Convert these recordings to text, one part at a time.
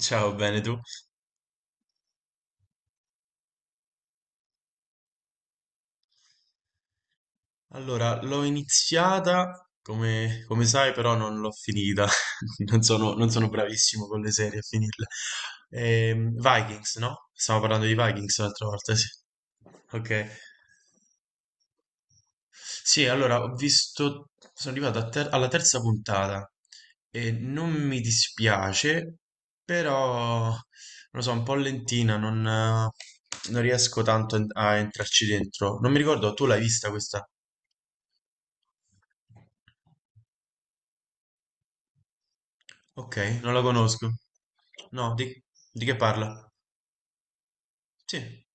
Ciao, bene tu? Allora, l'ho iniziata, come sai, però non l'ho finita. Non sono bravissimo con le serie a finirle. Vikings, no? Stiamo parlando di Vikings l'altra volta, sì. Ok. Sì, allora ho visto, sono arrivato alla terza puntata e non mi dispiace, però non lo so, un po' lentina, non riesco tanto a entrarci dentro. Non mi ricordo, tu l'hai vista questa? Ok, non la conosco. No, di che parla? Sì,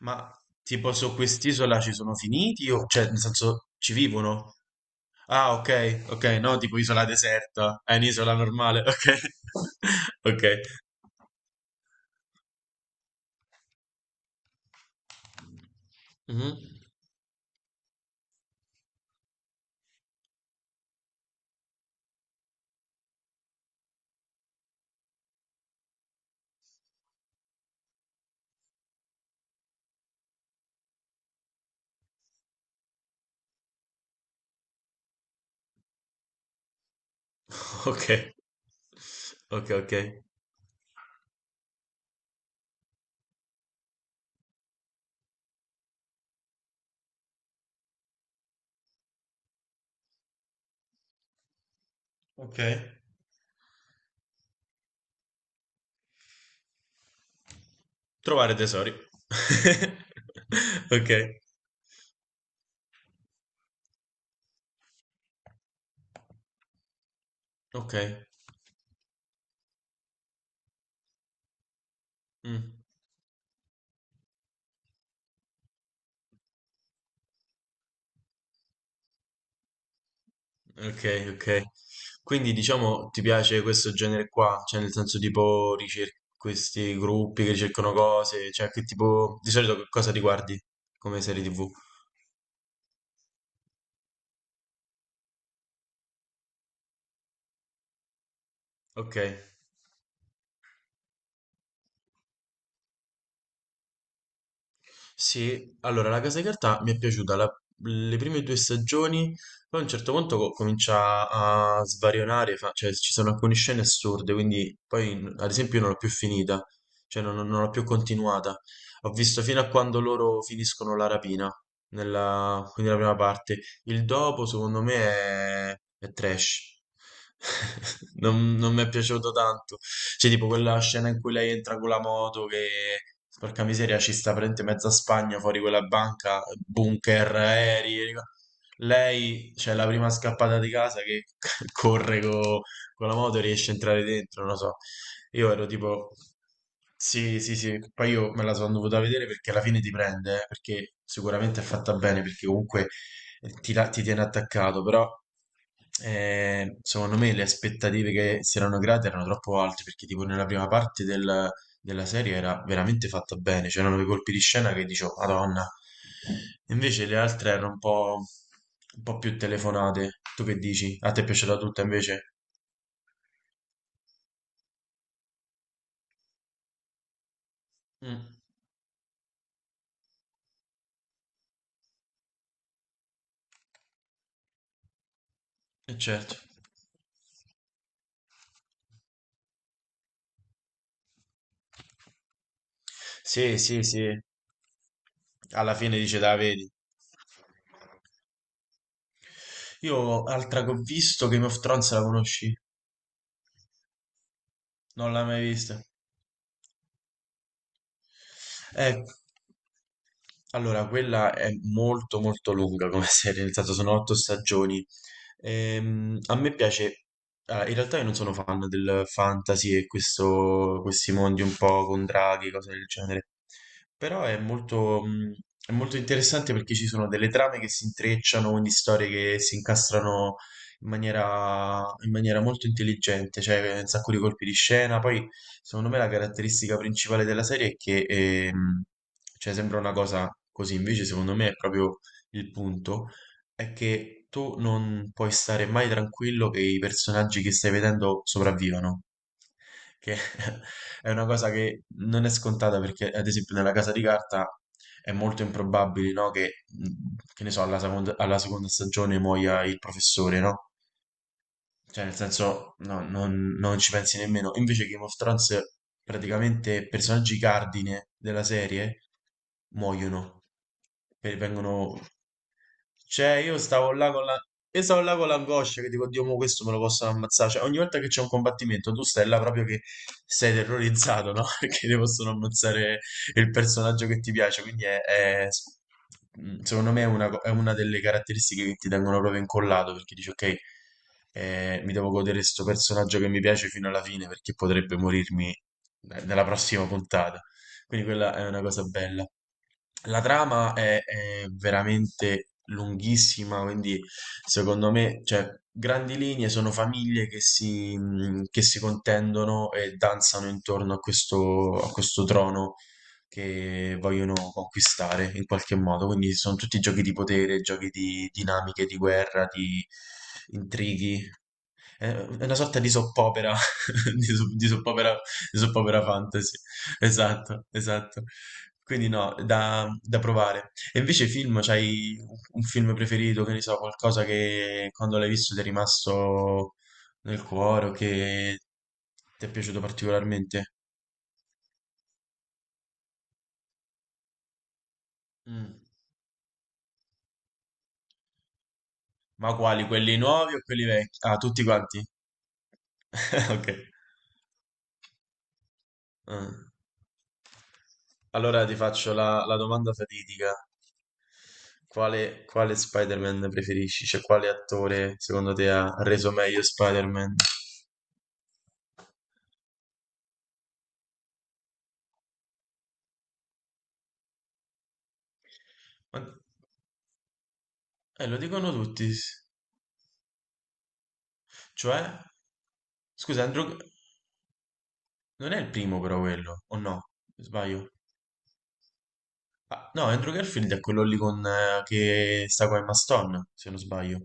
ma tipo su quest'isola ci sono finiti o cioè nel senso ci vivono? Ah, ok, ok, no, tipo isola deserta. È un'isola normale, ok. Ok. Mhm. Ok. Ok, ok. Ok. Trovare tesori. Ok. Ok. Mm. Ok, ok. Quindi diciamo ti piace questo genere qua? Cioè nel senso tipo questi gruppi che cercano cose, cioè che tipo di solito che cosa riguardi come serie TV? Ok, sì, allora la Casa di Carta mi è piaciuta le prime due stagioni, poi a un certo punto comincia a svarionare, cioè ci sono alcune scene assurde, quindi poi ad esempio io non l'ho più finita, cioè non l'ho più continuata, ho visto fino a quando loro finiscono la rapina, quindi la prima parte, il dopo secondo me è trash, non mi è piaciuto tanto. Cioè, tipo quella scena in cui lei entra con la moto che, porca miseria, ci sta praticamente mezza Spagna fuori quella banca, bunker, aerei. Lei, cioè, la prima scappata di casa che corre con la moto e riesce a entrare dentro, non lo so. Io ero tipo, sì, sì, sì, poi io me la sono dovuta vedere perché alla fine ti prende, perché sicuramente è fatta bene, perché comunque ti tiene attaccato, però, secondo me le aspettative che si erano create erano troppo alte, perché tipo nella prima parte della serie era veramente fatta bene, c'erano quei colpi di scena che dicevo, Madonna, invece le altre erano un po' più telefonate. Tu che dici? A te è piaciuta tutta invece? Mm, certo. Sì, sì, sì. Alla fine dice, da vedi. Io, altra che ho visto, Game of Thrones la conosci? Non l'hai mai vista? Ecco. Allora, quella è molto molto lunga come serie, nel senso sono otto stagioni. A me piace, ah, in realtà io non sono fan del fantasy e questi mondi un po' con draghi, cose del genere, però è è molto interessante perché ci sono delle trame che si intrecciano, quindi storie che si incastrano in maniera molto intelligente, cioè un sacco di colpi di scena, poi. Secondo me la caratteristica principale della serie è che, cioè sembra una cosa così, invece secondo me è proprio il punto, è che tu non puoi stare mai tranquillo che i personaggi che stai vedendo sopravvivano, che è una cosa che non è scontata perché ad esempio nella Casa di Carta è molto improbabile, no, che, che ne so, alla seconda stagione muoia il professore, no? Cioè, nel senso, no, non ci pensi nemmeno. Invece Game of Thrones, praticamente personaggi cardine della serie muoiono, vengono cioè, io stavo là con la... Io stavo là con l'angoscia che dico, Dio, mo questo me lo possono ammazzare. Cioè, ogni volta che c'è un combattimento, tu stai là proprio che sei terrorizzato, no? Perché ti possono ammazzare il personaggio che ti piace. Quindi, secondo me è una delle caratteristiche che ti tengono proprio incollato, perché dici, ok, mi devo godere questo personaggio che mi piace fino alla fine, perché potrebbe morirmi, nella prossima puntata. Quindi quella è una cosa bella. La trama è veramente lunghissima, quindi secondo me, cioè, grandi linee sono famiglie che si contendono e danzano intorno a questo trono che vogliono conquistare in qualche modo. Quindi sono tutti giochi di potere, giochi di dinamiche, di guerra, di intrighi. È una sorta di soppopera, di soppopera, di soppopera fantasy. Esatto, esatto. Quindi no, da provare. E invece film, c'hai un film preferito, che ne so, qualcosa che quando l'hai visto ti è rimasto nel cuore o che ti è piaciuto particolarmente? Mm. Ma quali? Quelli nuovi o quelli vecchi? Ah, tutti quanti? Ok. Ah. Allora ti faccio la domanda fatidica. Quale Spider-Man preferisci? Cioè, quale attore secondo te ha reso meglio Spider-Man? Ma- lo dicono tutti. Cioè, scusa, Andrew... Non è il primo però quello, o no? Sbaglio. Ah, no, Andrew Garfield è quello lì con, che sta con Emma Stone, se non sbaglio.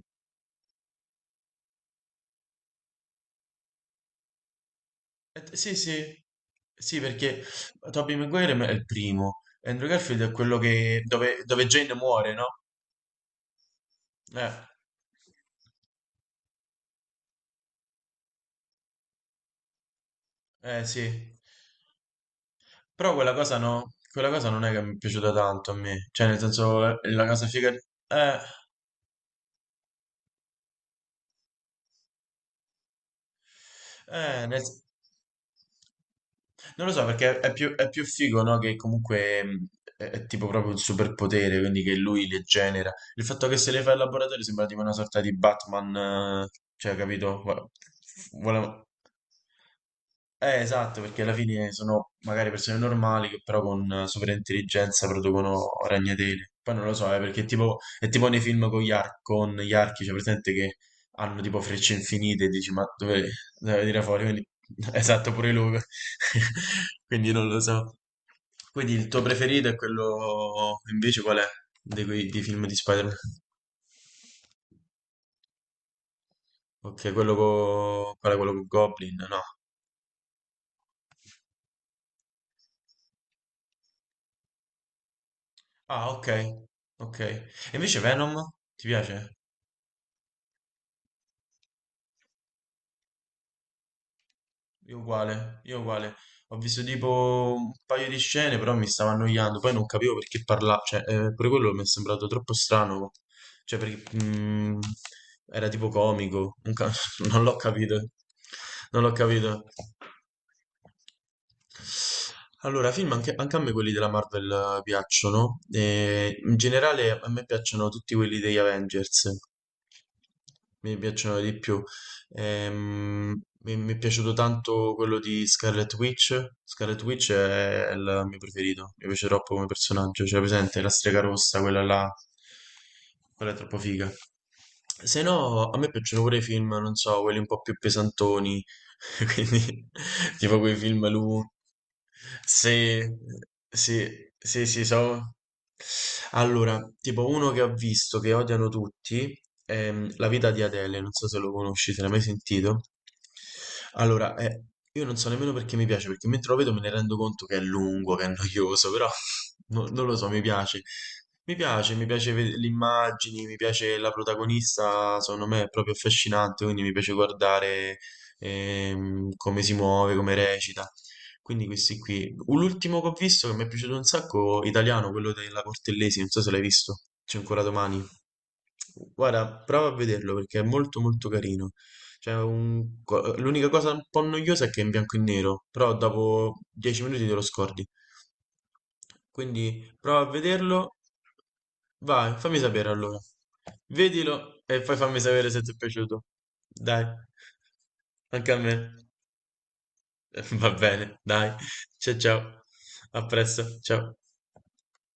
Sì, sì, sì, perché Tobey Maguire è il primo. Andrew Garfield è quello che, dove Jane muore, no? Eh, eh sì. Però quella cosa no, quella cosa non è che mi è piaciuta tanto a me. Cioè, nel senso, la casa figa. Eh, non lo so, perché è più figo, no? Che comunque è tipo proprio il superpotere, quindi che lui le genera. Il fatto che se le fa il laboratorio sembra tipo una sorta di Batman, eh, cioè, capito? Vuole- esatto, perché alla fine sono magari persone normali che però con superintelligenza producono ragnatele. Poi non lo so, perché è tipo nei film con gli archi, cioè presente che hanno tipo frecce infinite e dici ma dove deve tirare fuori? Quindi, esatto, pure lui. Quindi non lo so. Quindi il tuo preferito è quello invece qual è? Di quei di film di Spider-Man? Ok, quello con... qual è quello con Goblin? No. Ah, ok. Ok. E invece Venom? Ti piace? Io uguale, io uguale. Ho visto tipo un paio di scene, però mi stava annoiando. Poi non capivo perché parlava, cioè, pure quello mi è sembrato troppo strano. Cioè, perché era tipo comico. Non, ca- non l'ho capito. Non l'ho capito. Allora, film anche a me quelli della Marvel, piacciono, no? E in generale a me piacciono tutti quelli degli Avengers. Mi piacciono di più. Mi è piaciuto tanto quello di Scarlet Witch. Scarlet Witch è il mio preferito, mi piace troppo come personaggio, cioè presente la strega rossa, quella là, quella è troppo figa. Se no, a me piacciono pure i film, non so, quelli un po' più pesantoni, quindi tipo quei film lunghi sì, sì, sì, sì, so. Allora, tipo uno che ho visto che odiano tutti è La vita di Adele, non so se lo conosci, se l'hai mai sentito. Allora, io non so nemmeno perché mi piace, perché mentre lo vedo me ne rendo conto che è lungo, che è noioso, però non lo so, mi piace. Mi piace, mi piace le immagini, mi piace la protagonista, secondo me è proprio affascinante, quindi mi piace guardare, come si muove, come recita. Quindi questi qui. L'ultimo che ho visto che mi è piaciuto un sacco, italiano, quello della Cortellesi, non so se l'hai visto. C'è ancora domani. Guarda, prova a vederlo perché è molto molto carino. Cioè, L'unica cosa un po' noiosa è che è in bianco e nero, però dopo 10 minuti te lo scordi. Quindi prova a vederlo. Vai, fammi sapere allora. Vedilo e poi fammi sapere se ti è piaciuto. Dai, anche a me. Va bene, dai. Cia ciao. A presto, ciao.